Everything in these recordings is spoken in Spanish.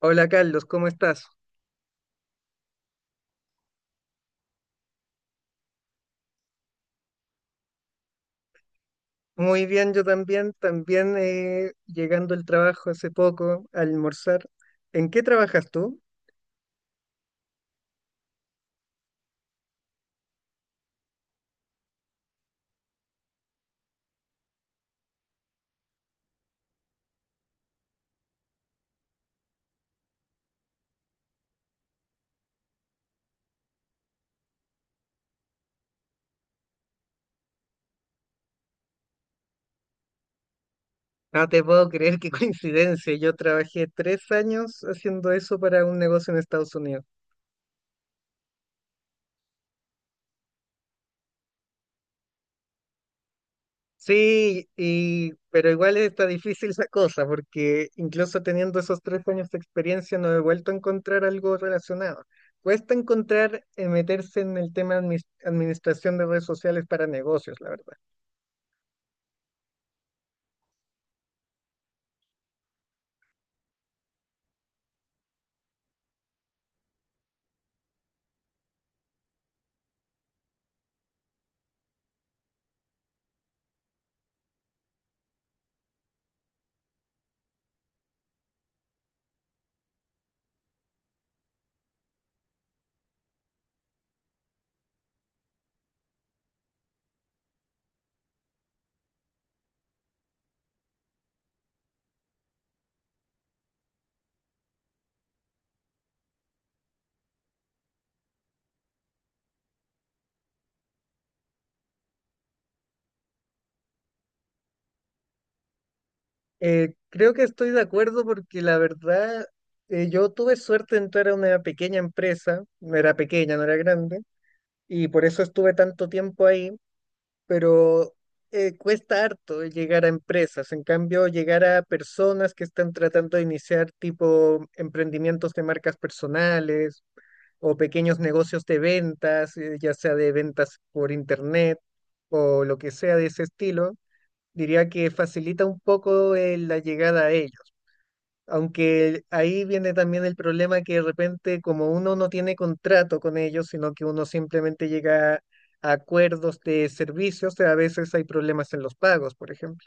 Hola Carlos, ¿cómo estás? Muy bien, yo también, llegando al trabajo hace poco, a almorzar. ¿En qué trabajas tú? No te puedo creer qué coincidencia. Yo trabajé 3 años haciendo eso para un negocio en Estados Unidos. Sí, pero igual está difícil la cosa, porque incluso teniendo esos 3 años de experiencia no he vuelto a encontrar algo relacionado. Cuesta encontrar meterse en el tema de administración de redes sociales para negocios, la verdad. Creo que estoy de acuerdo porque la verdad, yo tuve suerte de entrar a una pequeña empresa, no era pequeña, no era grande, y por eso estuve tanto tiempo ahí, pero cuesta harto llegar a empresas, en cambio llegar a personas que están tratando de iniciar tipo emprendimientos de marcas personales o pequeños negocios de ventas, ya sea de ventas por internet o lo que sea de ese estilo, diría que facilita un poco la llegada a ellos, aunque ahí viene también el problema que de repente como uno no tiene contrato con ellos, sino que uno simplemente llega a acuerdos de servicios, a veces hay problemas en los pagos, por ejemplo.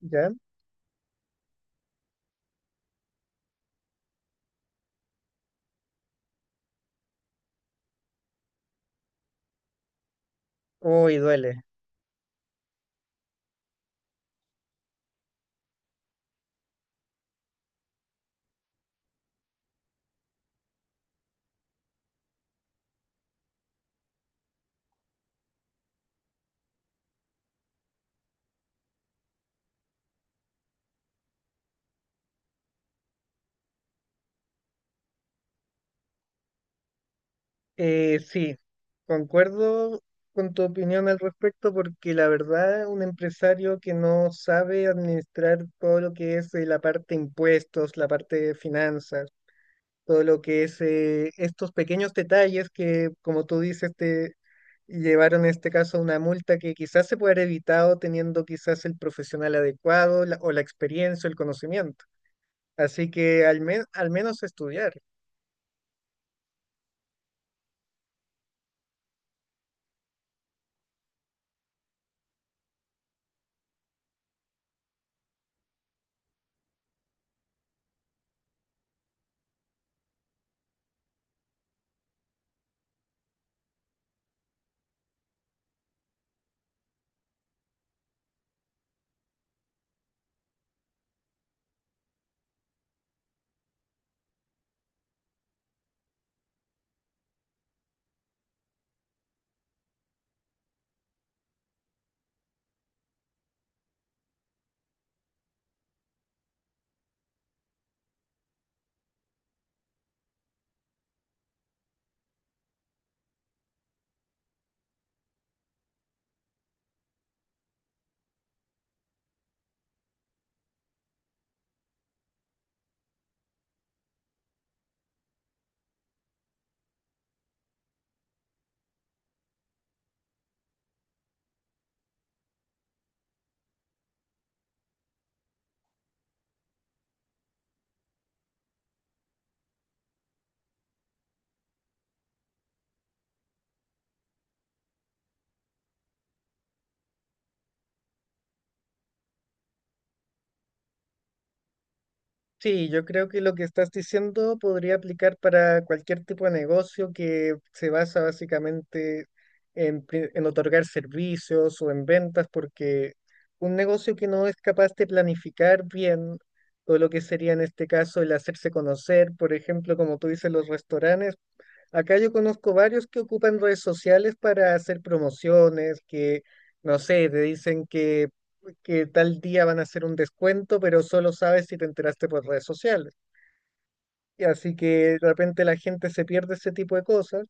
¿Ya? Uy, duele. Sí, concuerdo con tu opinión al respecto porque la verdad un empresario que no sabe administrar todo lo que es la parte de impuestos, la parte de finanzas, todo lo que es estos pequeños detalles que, como tú dices, te llevaron en este caso a una multa que quizás se puede haber evitado teniendo quizás el profesional adecuado o la experiencia, el conocimiento. Así que al menos estudiar. Sí, yo creo que lo que estás diciendo podría aplicar para cualquier tipo de negocio que se basa básicamente en otorgar servicios o en ventas, porque un negocio que no es capaz de planificar bien, o lo que sería en este caso el hacerse conocer, por ejemplo, como tú dices, los restaurantes. Acá yo conozco varios que ocupan redes sociales para hacer promociones, que, no sé, te dicen que tal día van a hacer un descuento, pero solo sabes si te enteraste por redes sociales. Y así que de repente la gente se pierde ese tipo de cosas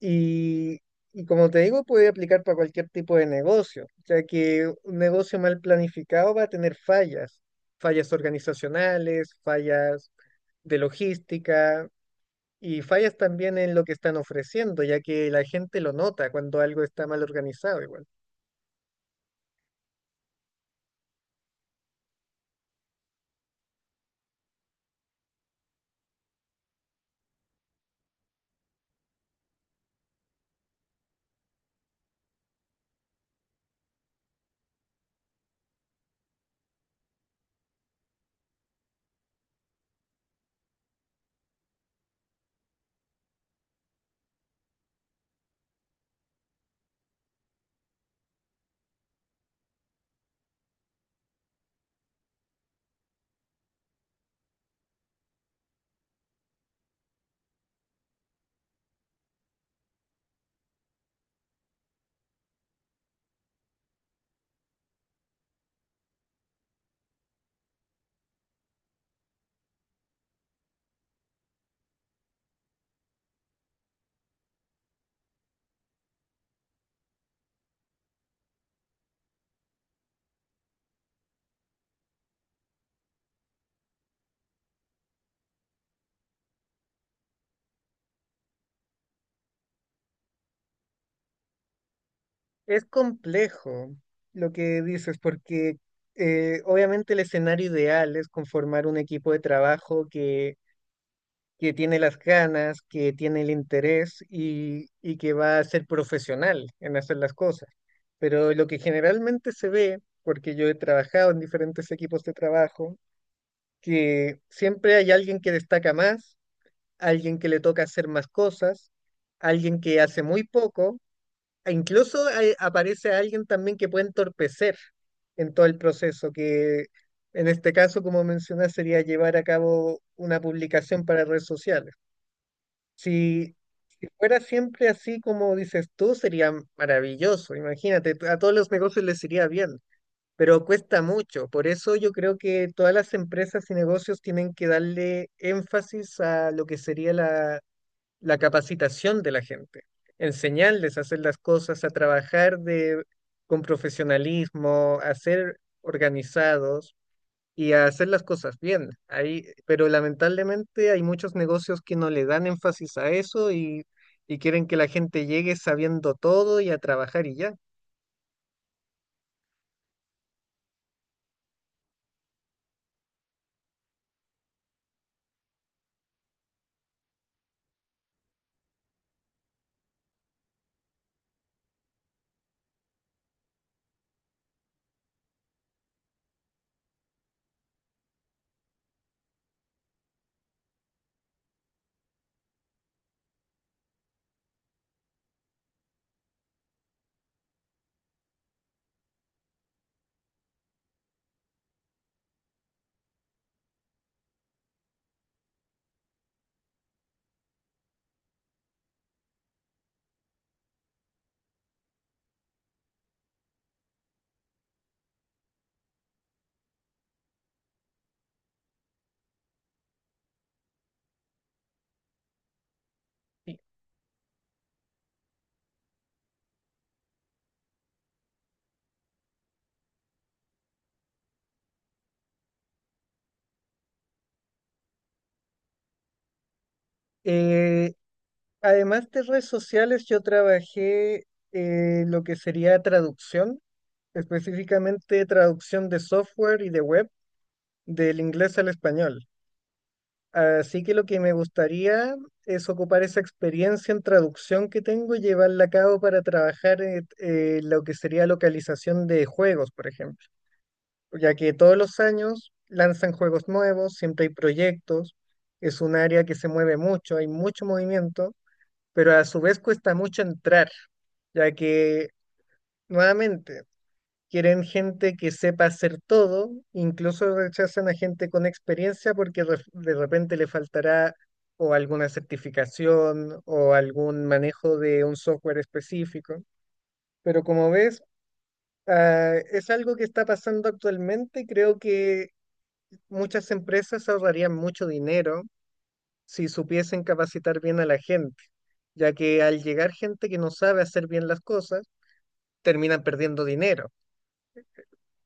y, y como te digo, puede aplicar para cualquier tipo de negocio, ya que un negocio mal planificado va a tener fallas, fallas organizacionales, fallas de logística, y fallas también en lo que están ofreciendo, ya que la gente lo nota cuando algo está mal organizado igual. Es complejo lo que dices, porque obviamente el escenario ideal es conformar un equipo de trabajo que tiene las ganas, que tiene el interés y que va a ser profesional en hacer las cosas. Pero lo que generalmente se ve, porque yo he trabajado en diferentes equipos de trabajo, que siempre hay alguien que destaca más, alguien que le toca hacer más cosas, alguien que hace muy poco, e incluso aparece alguien también que puede entorpecer en todo el proceso, que en este caso, como mencionas, sería llevar a cabo una publicación para redes sociales. Si, si fuera siempre así como dices tú, sería maravilloso. Imagínate, a todos los negocios les iría bien, pero cuesta mucho. Por eso yo creo que todas las empresas y negocios tienen que darle énfasis a lo que sería la, la capacitación de la gente, enseñarles a hacer las cosas, a trabajar de, con profesionalismo, a ser organizados y a hacer las cosas bien. Ahí, pero lamentablemente hay muchos negocios que no le dan énfasis a eso y quieren que la gente llegue sabiendo todo y a trabajar y ya. Y, eh, Además de redes sociales, yo trabajé lo que sería traducción, específicamente traducción de software y de web del inglés al español. Así que lo que me gustaría es ocupar esa experiencia en traducción que tengo y llevarla a cabo para trabajar en lo que sería localización de juegos, por ejemplo, ya que todos los años lanzan juegos nuevos, siempre hay proyectos, es un área que se mueve mucho, hay mucho movimiento, pero a su vez cuesta mucho entrar, ya que nuevamente quieren gente que sepa hacer todo, incluso rechazan a gente con experiencia porque de repente le faltará o alguna certificación o algún manejo de un software específico. Pero como ves, es algo que está pasando actualmente y creo que muchas empresas ahorrarían mucho dinero si supiesen capacitar bien a la gente, ya que al llegar gente que no sabe hacer bien las cosas, terminan perdiendo dinero.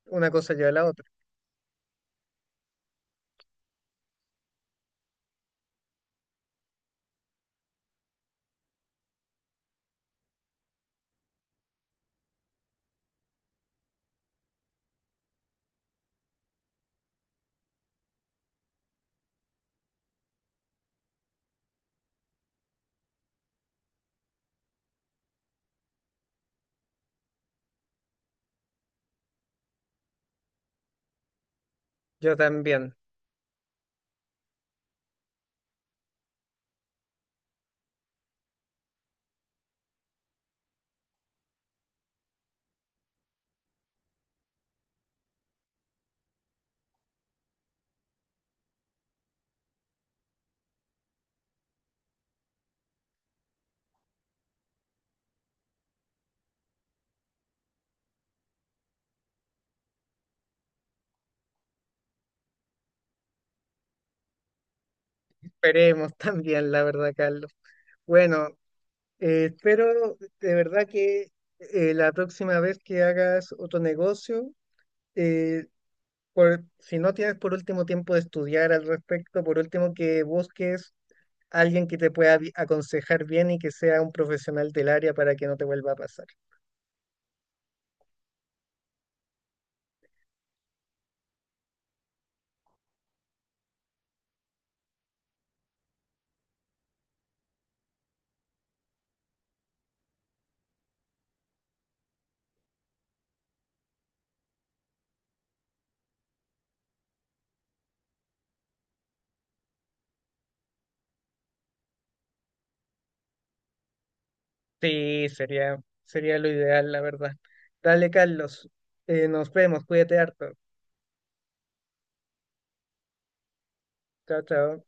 Una cosa lleva a la otra. Yo también. Esperemos también, la verdad, Carlos. Bueno, espero de verdad que la próxima vez que hagas otro negocio, eh, si no tienes por último tiempo de estudiar al respecto, por último que busques a alguien que te pueda aconsejar bien y que sea un profesional del área para que no te vuelva a pasar. Sí, sería lo ideal, la verdad. Dale, Carlos. Nos vemos, cuídate harto. Chao, chao.